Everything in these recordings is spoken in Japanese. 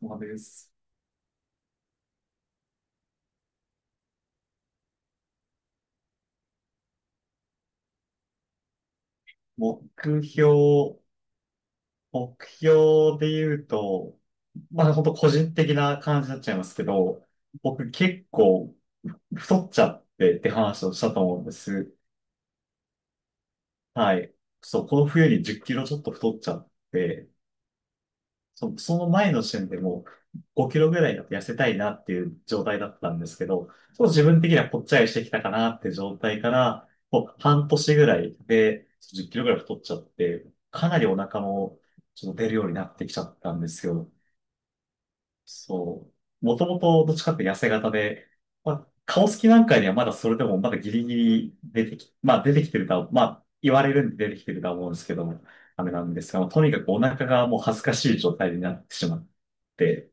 そうです。目標、目標で言うと、まあ本当個人的な感じになっちゃいますけど、僕結構太っちゃってって話をしたと思うんです。はい。そう、この冬に10キロちょっと太っちゃって、その前の時点でもう5キロぐらいだと痩せたいなっていう状態だったんですけど、ちょっと自分的にはぽっちゃりしてきたかなって状態から、もう半年ぐらいで10キロぐらい太っちゃって、かなりお腹もちょっと出るようになってきちゃったんですよ。そう。もともとどっちかって痩せ型で、まあ、顔つきなんかにはまだそれでもまだギリギリ出てき、まあ出てきてるとは、まあ言われるんで出てきてるとは思うんですけども、あれなんですが、まあとにかくお腹がもう恥ずかしい状態になってしまって、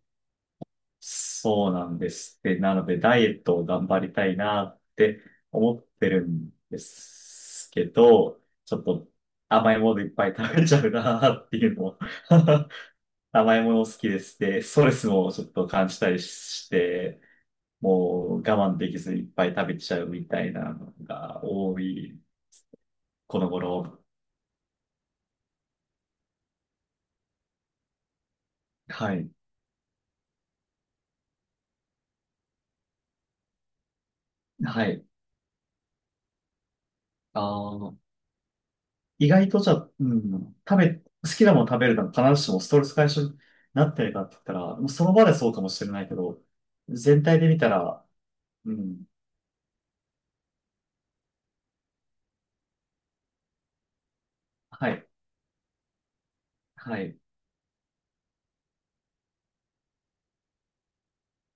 そうなんです。で、なのでダイエットを頑張りたいなって思ってるんですけど、ちょっと甘いものいっぱい食べちゃうなっていうのも甘いもの好きです。で、ストレスもちょっと感じたりして、もう我慢できずいっぱい食べちゃうみたいなのが多い、この頃。はい。はい。あー意外とじゃあ、うん、食べ、好きなもの食べるのが必ずしもストレス解消になってるかって言ったら、もうその場でそうかもしれないけど、全体で見たら、うん、はい、はい。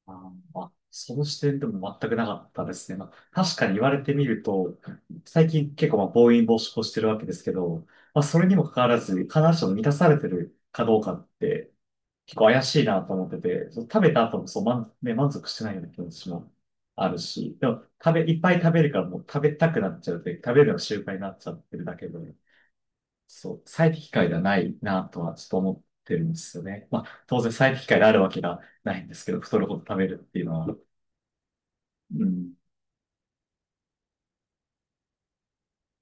ああ、その視点でも全くなかったですね。まあ、確かに言われてみると、最近結構まあ暴飲暴食をしてるわけですけど、まあ、それにもかかわらず、必ずしも満たされてるかどうかって結構怪しいなと思ってて、その食べた後もそう満、ね、満足してないような気持ちもあるし、でも食べ、いっぱい食べるからもう食べたくなっちゃうって食べるのが習慣になっちゃってるだけで、そう、最適解ではないなとはちょっと思ってるんですよね。まあ、当然最適解であるわけがないんですけど、太るほど食べるっていうのは。うん。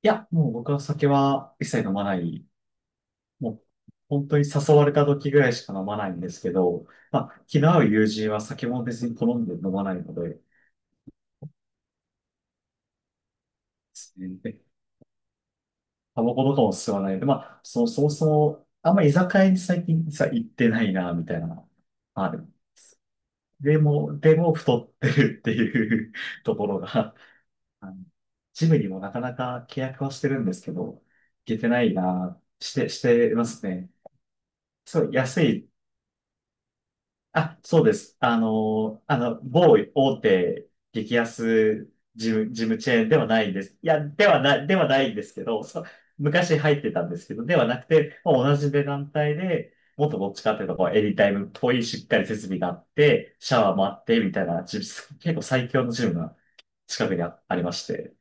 いや、もう僕は酒は一切飲まない。もう本当に誘われた時ぐらいしか飲まないんですけど、まあ、気の合う友人は酒も別に好んで飲まないので、ですねでタバコとかも吸わないので、まあ、そもそも、あんま居酒屋に最近さ、行ってないな、みたいな、ある。でも太ってるっていう ところが、あのジムにもなかなか契約はしてるんですけど、行けてないな、してますね。そう、安いあ、そうです。あの、某大手激安ジム、ジムチェーンではないんです。いや、ではないんですけど、そう昔入ってたんですけど、ではなくて、まあ、同じ値段帯で、もっとどっちかっていうと、こうエリタイムっぽいしっかり設備があって、シャワーもあって、みたいな、ジム結構最強のジムが近くにありまして。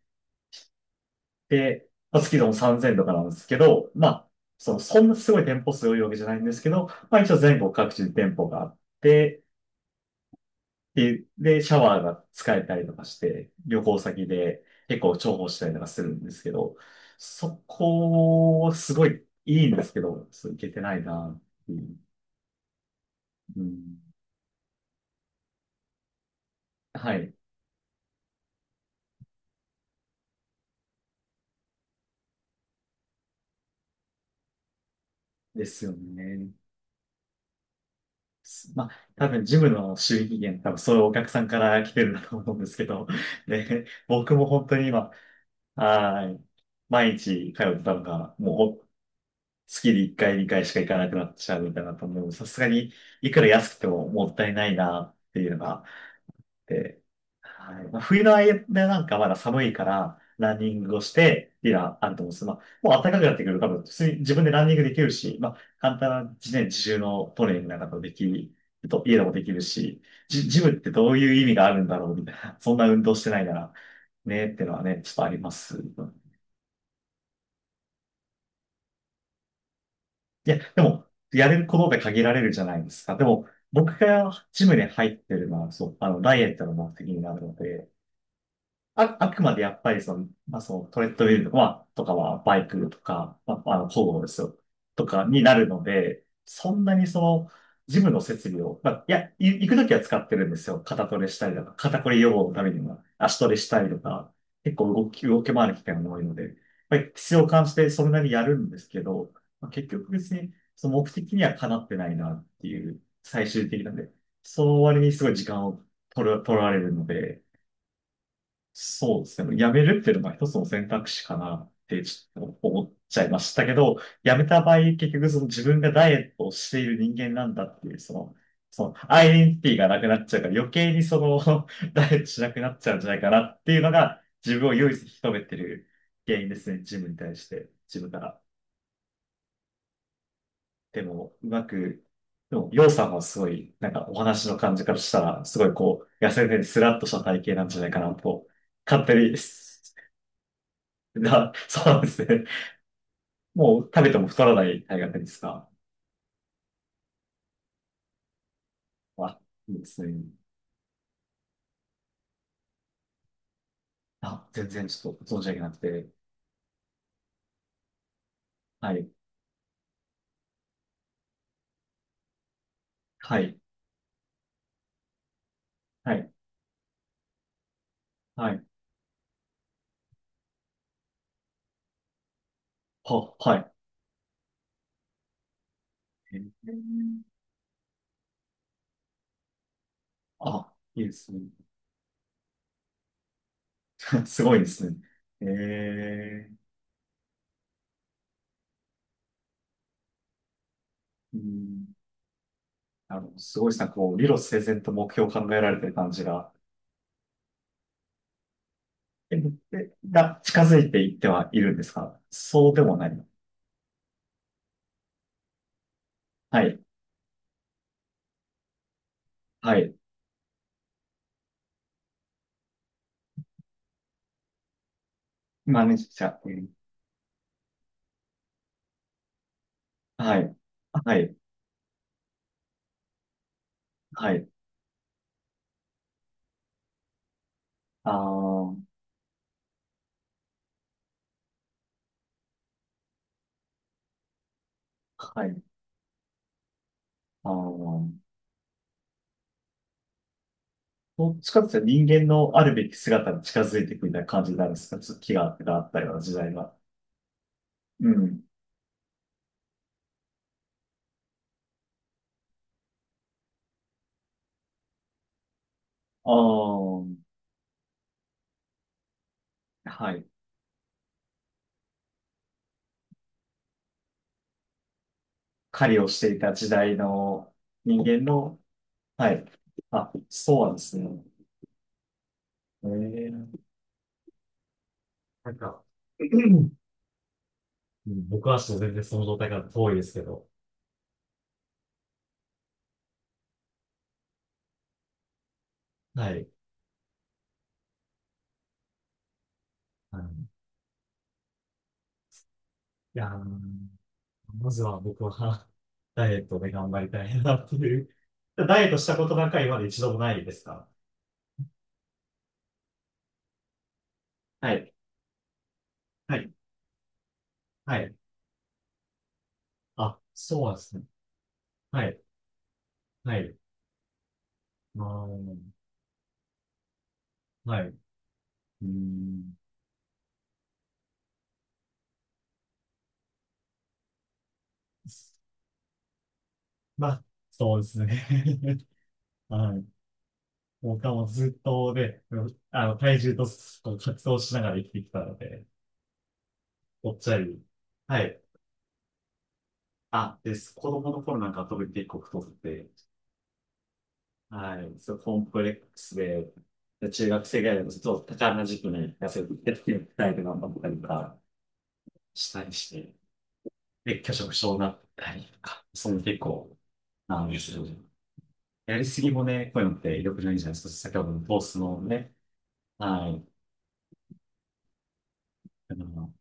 で、まあ、月でも3000とかなんですけど、まあ、そんなすごい店舗数多いわけじゃないんですけど、まあ一応全国各地に店舗があって、で、シャワーが使えたりとかして、旅行先で結構重宝したりとかするんですけど、そこはすごいいいんですけど、そういけてないなっていう。うん、はい。ですよね。まあ、多分ジムの収益源、多分そういうお客さんから来てるんだと思うんですけど、で、僕も本当に今、はい。毎日通ってたのが、月に1回、2回しか行かなくなっちゃうみたいなと思う。さすがに、いくら安くてももったいないなっていうのがあって、はい。まあ、冬の間なんかまだ寒いから、ランニングをして、っていうのはあると思うんですけど、まあ、もう暖かくなってくると多分、普通に自分でランニングできるし、まあ、簡単な自然自重のトレーニングなんかもできる。と、家でもできるし、ジムってどういう意味があるんだろうみたいな、そんな運動してないなら、ねってのはね、ちょっとあります。いや、でも、やれることで限られるじゃないですか。でも、僕がジムに入ってるのは、そう、あの、ダイエットの目的になるので、あくまでやっぱりその、まあ、そのトレッドミルとかは、とかはバイクとか、まあ、あの、工具ですよ。とかになるので、そんなにその、ジムの設備を、まあ、いや、行くときは使ってるんですよ。肩トレしたりとか、肩こり予防のためにも、足トレしたりとか、結構動き回る機会も多いので、まあ、必要を感じてそれなりにやるんですけど、まあ、結局別に、その目的にはかなってないなっていう、最終的なんで、その割にすごい時間を取られるので、そうですね。辞めるっていうのが一つの選択肢かなってちょっと思っちゃいましたけど、辞めた場合、結局その自分がダイエットをしている人間なんだっていう、その、そのアイデンティティがなくなっちゃうから余計にその ダイエットしなくなっちゃうんじゃないかなっていうのが自分を唯一引き止めてる原因ですね。自分に対して、自分から。でも、うまく、でも、ようさんはすごい、なんかお話の感じからしたら、すごいこう、痩せてスラッとした体型なんじゃないかなと、勝手に が、そうなんですね。もう食べても太らない大河ですか。まあ、いいですね。あ、全然ちょっと存じ上げなくて。はい、はい、はい、はい、はい。あ、いいですね。すごいですね。ええうん。あの、すごいですね。こう、理路整然と目標を考えられてる感じが、え、えが近づいていってはいるんですか、そうでもないの。はい、はい。マネージャー。うんはい、はい、はい。ああ、はい。あの、どっちかっていうと人間のあるべき姿に近づいていくみたいな感じになるんですか、気があったような時代は。うん。ああ、はい。狩りをしていた時代の人間の、はい。あ、そうなんですね。ええなんか、うん僕はちょっと全然その状態から遠いですけど、はい。あのいやー、まずは僕は ダイエットで頑張りたいなっていう。ダイエットしたことなんか今まで一度もないですか。はい。はいはい。あ、そうなんですね。はい。はい。ああ、はい。うーん。まあ、そうですね。はい。僕はもうずっとね、あの、体重とこう格闘しながら生きてきたので、ぽっちゃり。はい。あ、です。子供の頃なんか特に結構太って、はい。そう、コンプレックスで、で中学生ぐらいのちょっと高な時期に痩せてって、タイプ頑張ったりとかしたりして、で、拒食症になったりとか、そういうの結構、なんですよね。やりすぎもね、こういうのって良くないんじゃないですか。先ほどの糖質のね、はい。あの、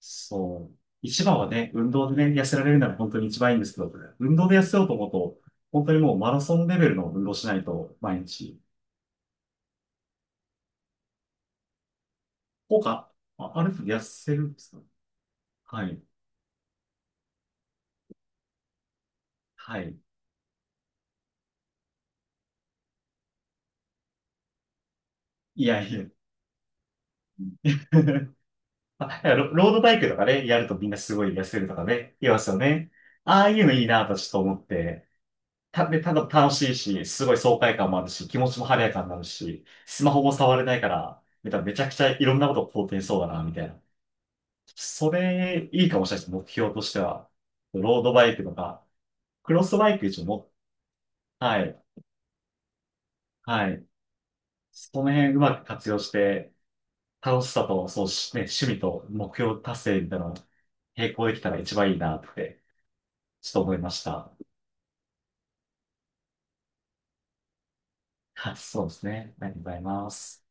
そう。一番はね、運動でね、痩せられるなら本当に一番いいんですけど、運動で痩せようと思うと、本当にもうマラソンレベルの運動しないと、毎日。効果、あある程度痩せるんですか。はい。はい。いやいや。ロロードバイクとかね、やるとみんなすごい痩せるとかね、言いますよね。ああいうのいいなとちょっと思って、で、ただ楽しいし、すごい爽快感もあるし、気持ちも晴れやかになるし、スマホも触れないから、めちゃくちゃいろんなことを肯定しそうだな、みたいな。それ、いいかもしれないです。目標としては。ロードバイクとか、クロスバイク一応も、はい、はい。その辺うまく活用して、楽しさと、そうし、ね、趣味と目標達成みたいなのを並行できたら一番いいなって、ちょっと思いました。はい、そうですね。ありがとうございます。